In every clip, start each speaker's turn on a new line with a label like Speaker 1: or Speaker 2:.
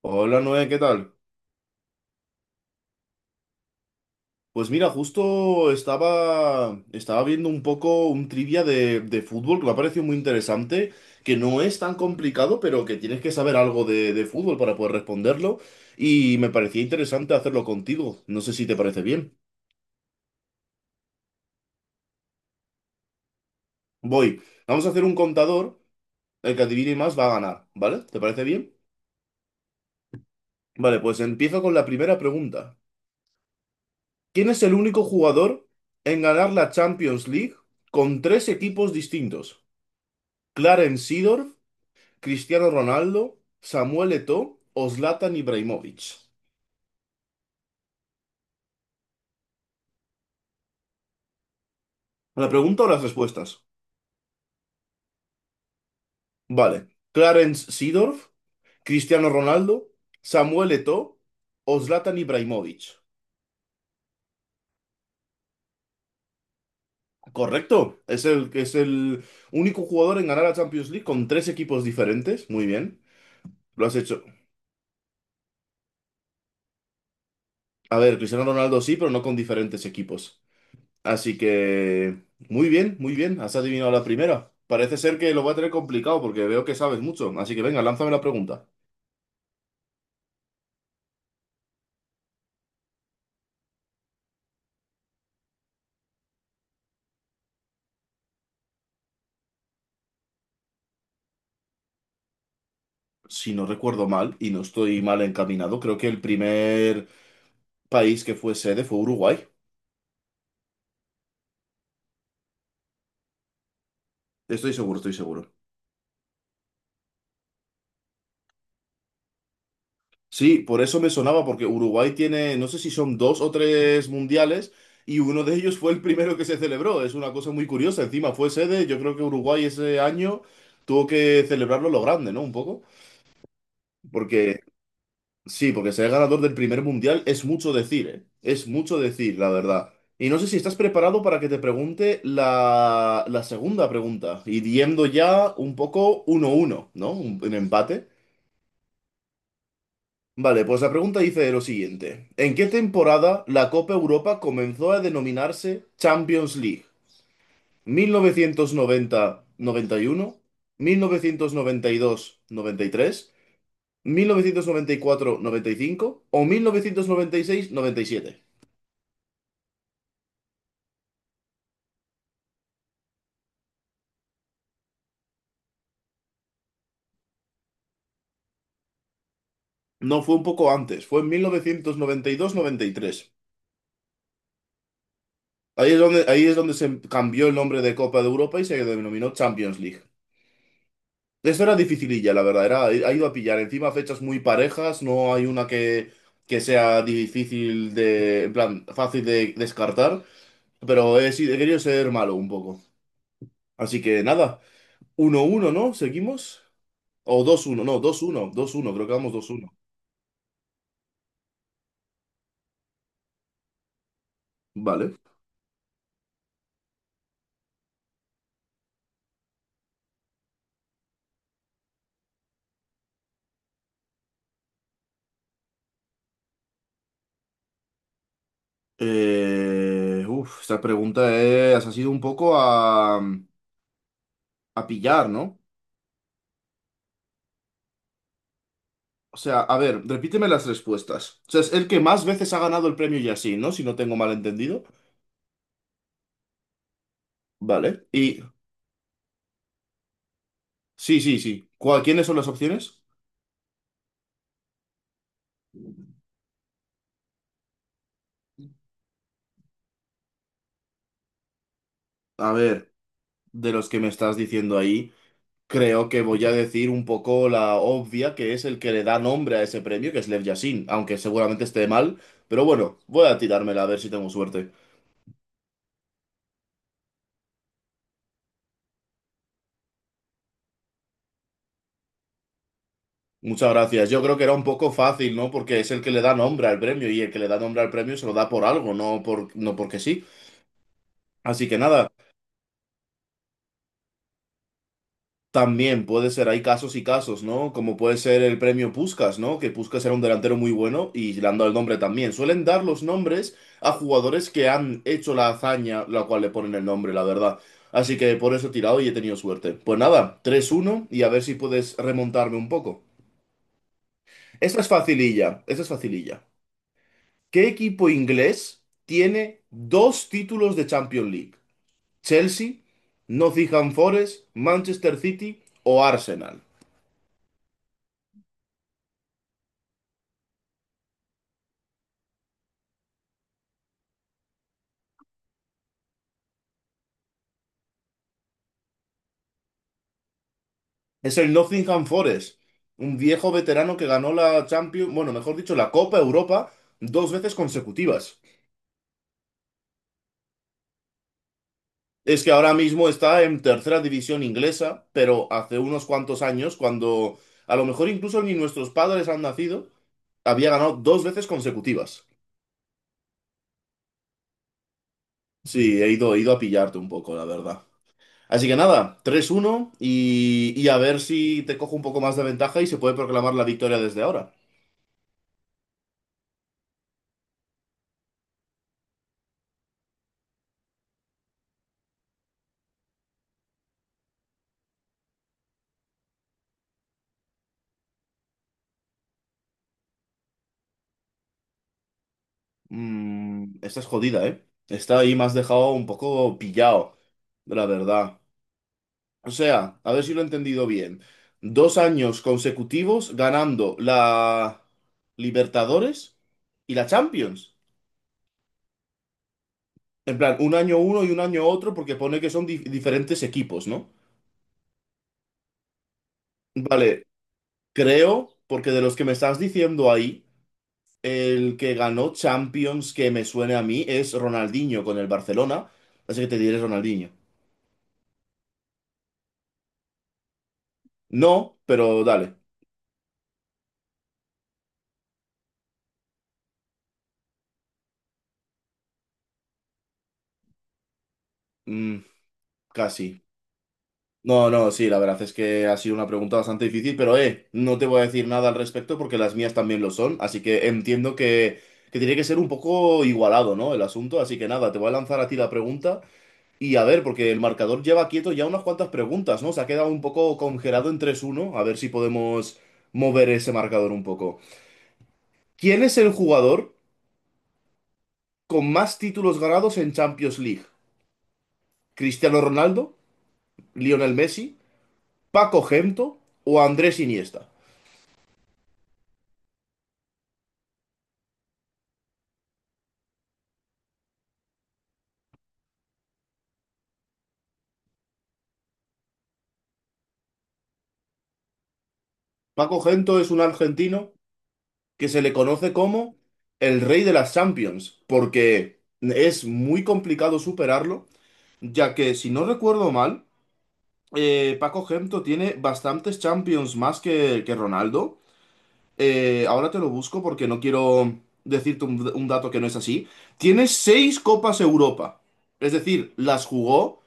Speaker 1: Hola Noé, ¿qué tal? Pues mira, justo estaba viendo un poco un trivia de fútbol que me ha parecido muy interesante, que no es tan complicado, pero que tienes que saber algo de fútbol para poder responderlo, y me parecía interesante hacerlo contigo. No sé si te parece bien. Voy, Vamos a hacer un contador, el que adivine más va a ganar, ¿vale? ¿Te parece bien? Vale, pues empiezo con la primera pregunta. ¿Quién es el único jugador en ganar la Champions League con tres equipos distintos? ¿Clarence Seedorf, Cristiano Ronaldo, Samuel Eto'o o Zlatan Ibrahimovic? ¿La pregunta o las respuestas? Vale. Clarence Seedorf, Cristiano Ronaldo, Samuel Eto'o o Zlatan Ibrahimovic. Correcto. Es el único jugador en ganar la Champions League con tres equipos diferentes. Muy bien. Lo has hecho. A ver, Cristiano Ronaldo sí, pero no con diferentes equipos. Así que. Muy bien, muy bien. Has adivinado la primera. Parece ser que lo voy a tener complicado porque veo que sabes mucho. Así que venga, lánzame la pregunta. Si no recuerdo mal, y no estoy mal encaminado, creo que el primer país que fue sede fue Uruguay. Estoy seguro, estoy seguro. Sí, por eso me sonaba, porque Uruguay tiene, no sé si son dos o tres mundiales, y uno de ellos fue el primero que se celebró. Es una cosa muy curiosa. Encima fue sede, yo creo que Uruguay ese año tuvo que celebrarlo a lo grande, ¿no? Un poco. Porque Sí, porque ser ganador del primer mundial es mucho decir, ¿eh? Es mucho decir, la verdad. Y no sé si estás preparado para que te pregunte la segunda pregunta, y yendo ya un poco uno uno, ¿no? Un empate. Vale, pues la pregunta dice lo siguiente. ¿En qué temporada la Copa Europa comenzó a denominarse Champions League? Mil novecientos noventa y uno, dos tres, 1994-95 o mil novecientos noventa y seis noventa y siete? No, fue un poco antes, fue en mil novecientos noventa y dos y tres. Ahí es donde se cambió el nombre de Copa de Europa y se denominó Champions League. Eso era dificililla, la verdad, era, ha ido a pillar. Encima fechas muy parejas, no hay una que sea difícil de, en plan, fácil de descartar, pero he querido ser malo un poco. Así que nada, uno uno no, seguimos o dos uno no, dos uno, dos uno creo que vamos, dos uno. Vale. Esta pregunta es, ha sido un poco a pillar, ¿no? O sea, a ver, repíteme las respuestas. O sea, es el que más veces ha ganado el premio y así, ¿no? Si no tengo mal entendido. Vale. Y sí, sí, sí. ¿Quiénes son las opciones? A ver, de los que me estás diciendo ahí, creo que voy a decir un poco la obvia, que es el que le da nombre a ese premio, que es Lev Yashin, aunque seguramente esté mal. Pero bueno, voy a tirármela a ver si tengo suerte. Muchas gracias. Yo creo que era un poco fácil, ¿no? Porque es el que le da nombre al premio y el que le da nombre al premio se lo da por algo, no por, no porque sí. Así que nada, también puede ser, hay casos y casos, ¿no? Como puede ser el premio Puskás, ¿no? Que Puskás era un delantero muy bueno y le han dado el nombre también. Suelen dar los nombres a jugadores que han hecho la hazaña, la cual le ponen el nombre, la verdad. Así que por eso he tirado y he tenido suerte. Pues nada, tres uno y a ver si puedes remontarme un poco. Esta es facililla, esta es facililla. ¿Qué equipo inglés tiene dos títulos de Champions League? ¿Chelsea, Nottingham Forest, Manchester City o Arsenal? Es el Nottingham Forest, un viejo veterano que ganó la Champions, bueno, mejor dicho, la Copa Europa dos veces consecutivas. Es que ahora mismo está en tercera división inglesa, pero hace unos cuantos años, cuando a lo mejor incluso ni nuestros padres han nacido, había ganado dos veces consecutivas. Sí, he ido a pillarte un poco, la verdad. Así que nada, tres uno y a ver si te cojo un poco más de ventaja y se puede proclamar la victoria desde ahora. Mm, esta es jodida, ¿eh? Esta ahí me has dejado un poco pillado, la verdad. O sea, a ver si lo he entendido bien. Dos años consecutivos ganando la Libertadores y la Champions. En plan, un año uno y un año otro porque pone que son diferentes equipos, ¿no? Vale, creo, porque de los que me estás diciendo ahí. El que ganó Champions, que me suene a mí, es Ronaldinho con el Barcelona. Así que te diré Ronaldinho. No, pero dale. Mm, casi. No, no, sí, la verdad es que ha sido una pregunta bastante difícil, pero no te voy a decir nada al respecto porque las mías también lo son. Así que entiendo que tiene que ser un poco igualado, ¿no? El asunto. Así que nada, te voy a lanzar a ti la pregunta. Y a ver, porque el marcador lleva quieto ya unas cuantas preguntas, ¿no? Se ha quedado un poco congelado en tres uno. A ver si podemos mover ese marcador un poco. ¿Quién es el jugador con más títulos ganados en Champions League? ¿Cristiano Ronaldo, Lionel Messi, Paco Gento o Andrés Iniesta? Paco Gento es un argentino que se le conoce como el rey de las Champions, porque es muy complicado superarlo, ya que si no recuerdo mal, Paco Gento tiene bastantes Champions más que Ronaldo. Ahora te lo busco porque no quiero decirte un dato que no es así. Tiene seis Copas Europa. Es decir, las jugó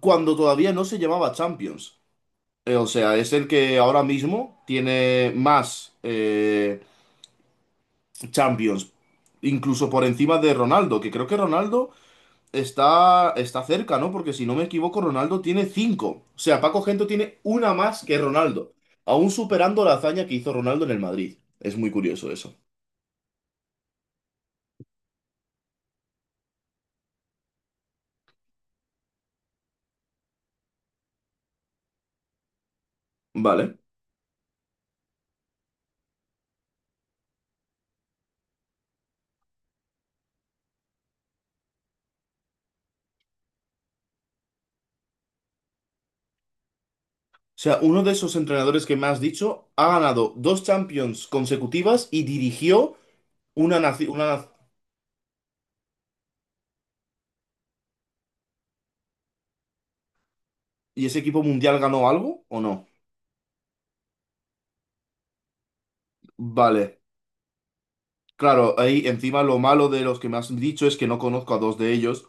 Speaker 1: cuando todavía no se llamaba Champions. O sea, es el que ahora mismo tiene más Champions. Incluso por encima de Ronaldo, que creo que Ronaldo está cerca, ¿no? Porque si no me equivoco, Ronaldo tiene cinco. O sea, Paco Gento tiene una más que Ronaldo. Aún superando la hazaña que hizo Ronaldo en el Madrid. Es muy curioso eso. Vale. O sea, uno de esos entrenadores que me has dicho ha ganado dos Champions consecutivas y dirigió una nación. ¿Y ese equipo mundial ganó algo o no? Vale. Claro, ahí encima lo malo de los que me has dicho es que no conozco a dos de ellos.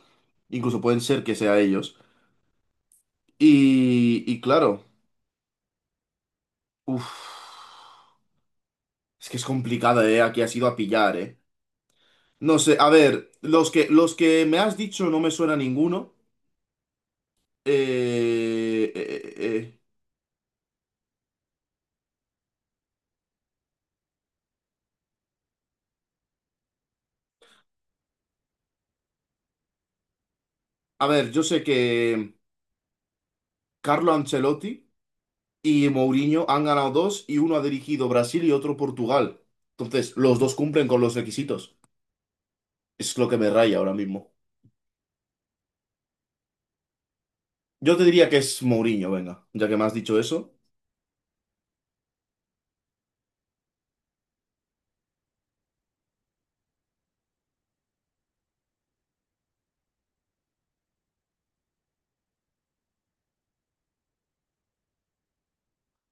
Speaker 1: Incluso pueden ser que sea ellos. Y claro, uff, es que es complicada, ¿eh? Aquí ha sido a pillar, ¿eh? No sé, a ver, los que me has dicho no me suena ninguno. Eh, eh, eh, eh. A ver, yo sé que. Carlo Ancelotti y Mourinho han ganado dos y uno ha dirigido Brasil y otro Portugal. Entonces, los dos cumplen con los requisitos. Es lo que me raya ahora mismo. Yo te diría que es Mourinho, venga, ya que me has dicho eso.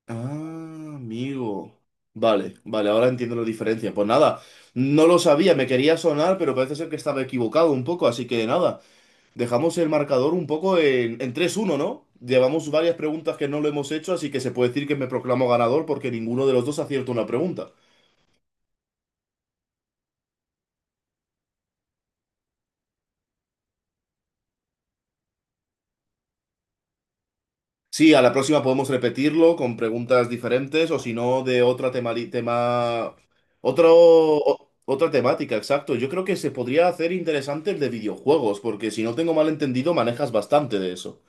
Speaker 1: Ah, amigo. Vale, vale, ahora entiendo la diferencia. Pues nada, no lo sabía, me quería sonar, pero parece ser que estaba equivocado un poco, así que nada, dejamos el marcador un poco en 3-1, ¿no? Llevamos varias preguntas que no lo hemos hecho, así que se puede decir que me proclamo ganador porque ninguno de los dos acierta una pregunta. Sí, a la próxima podemos repetirlo con preguntas diferentes o si no de otra tema, tema otro, otra temática, exacto. Yo creo que se podría hacer interesante el de videojuegos, porque si no tengo mal entendido, manejas bastante de eso.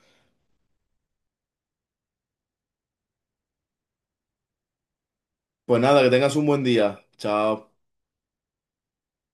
Speaker 1: Pues nada, que tengas un buen día. Chao.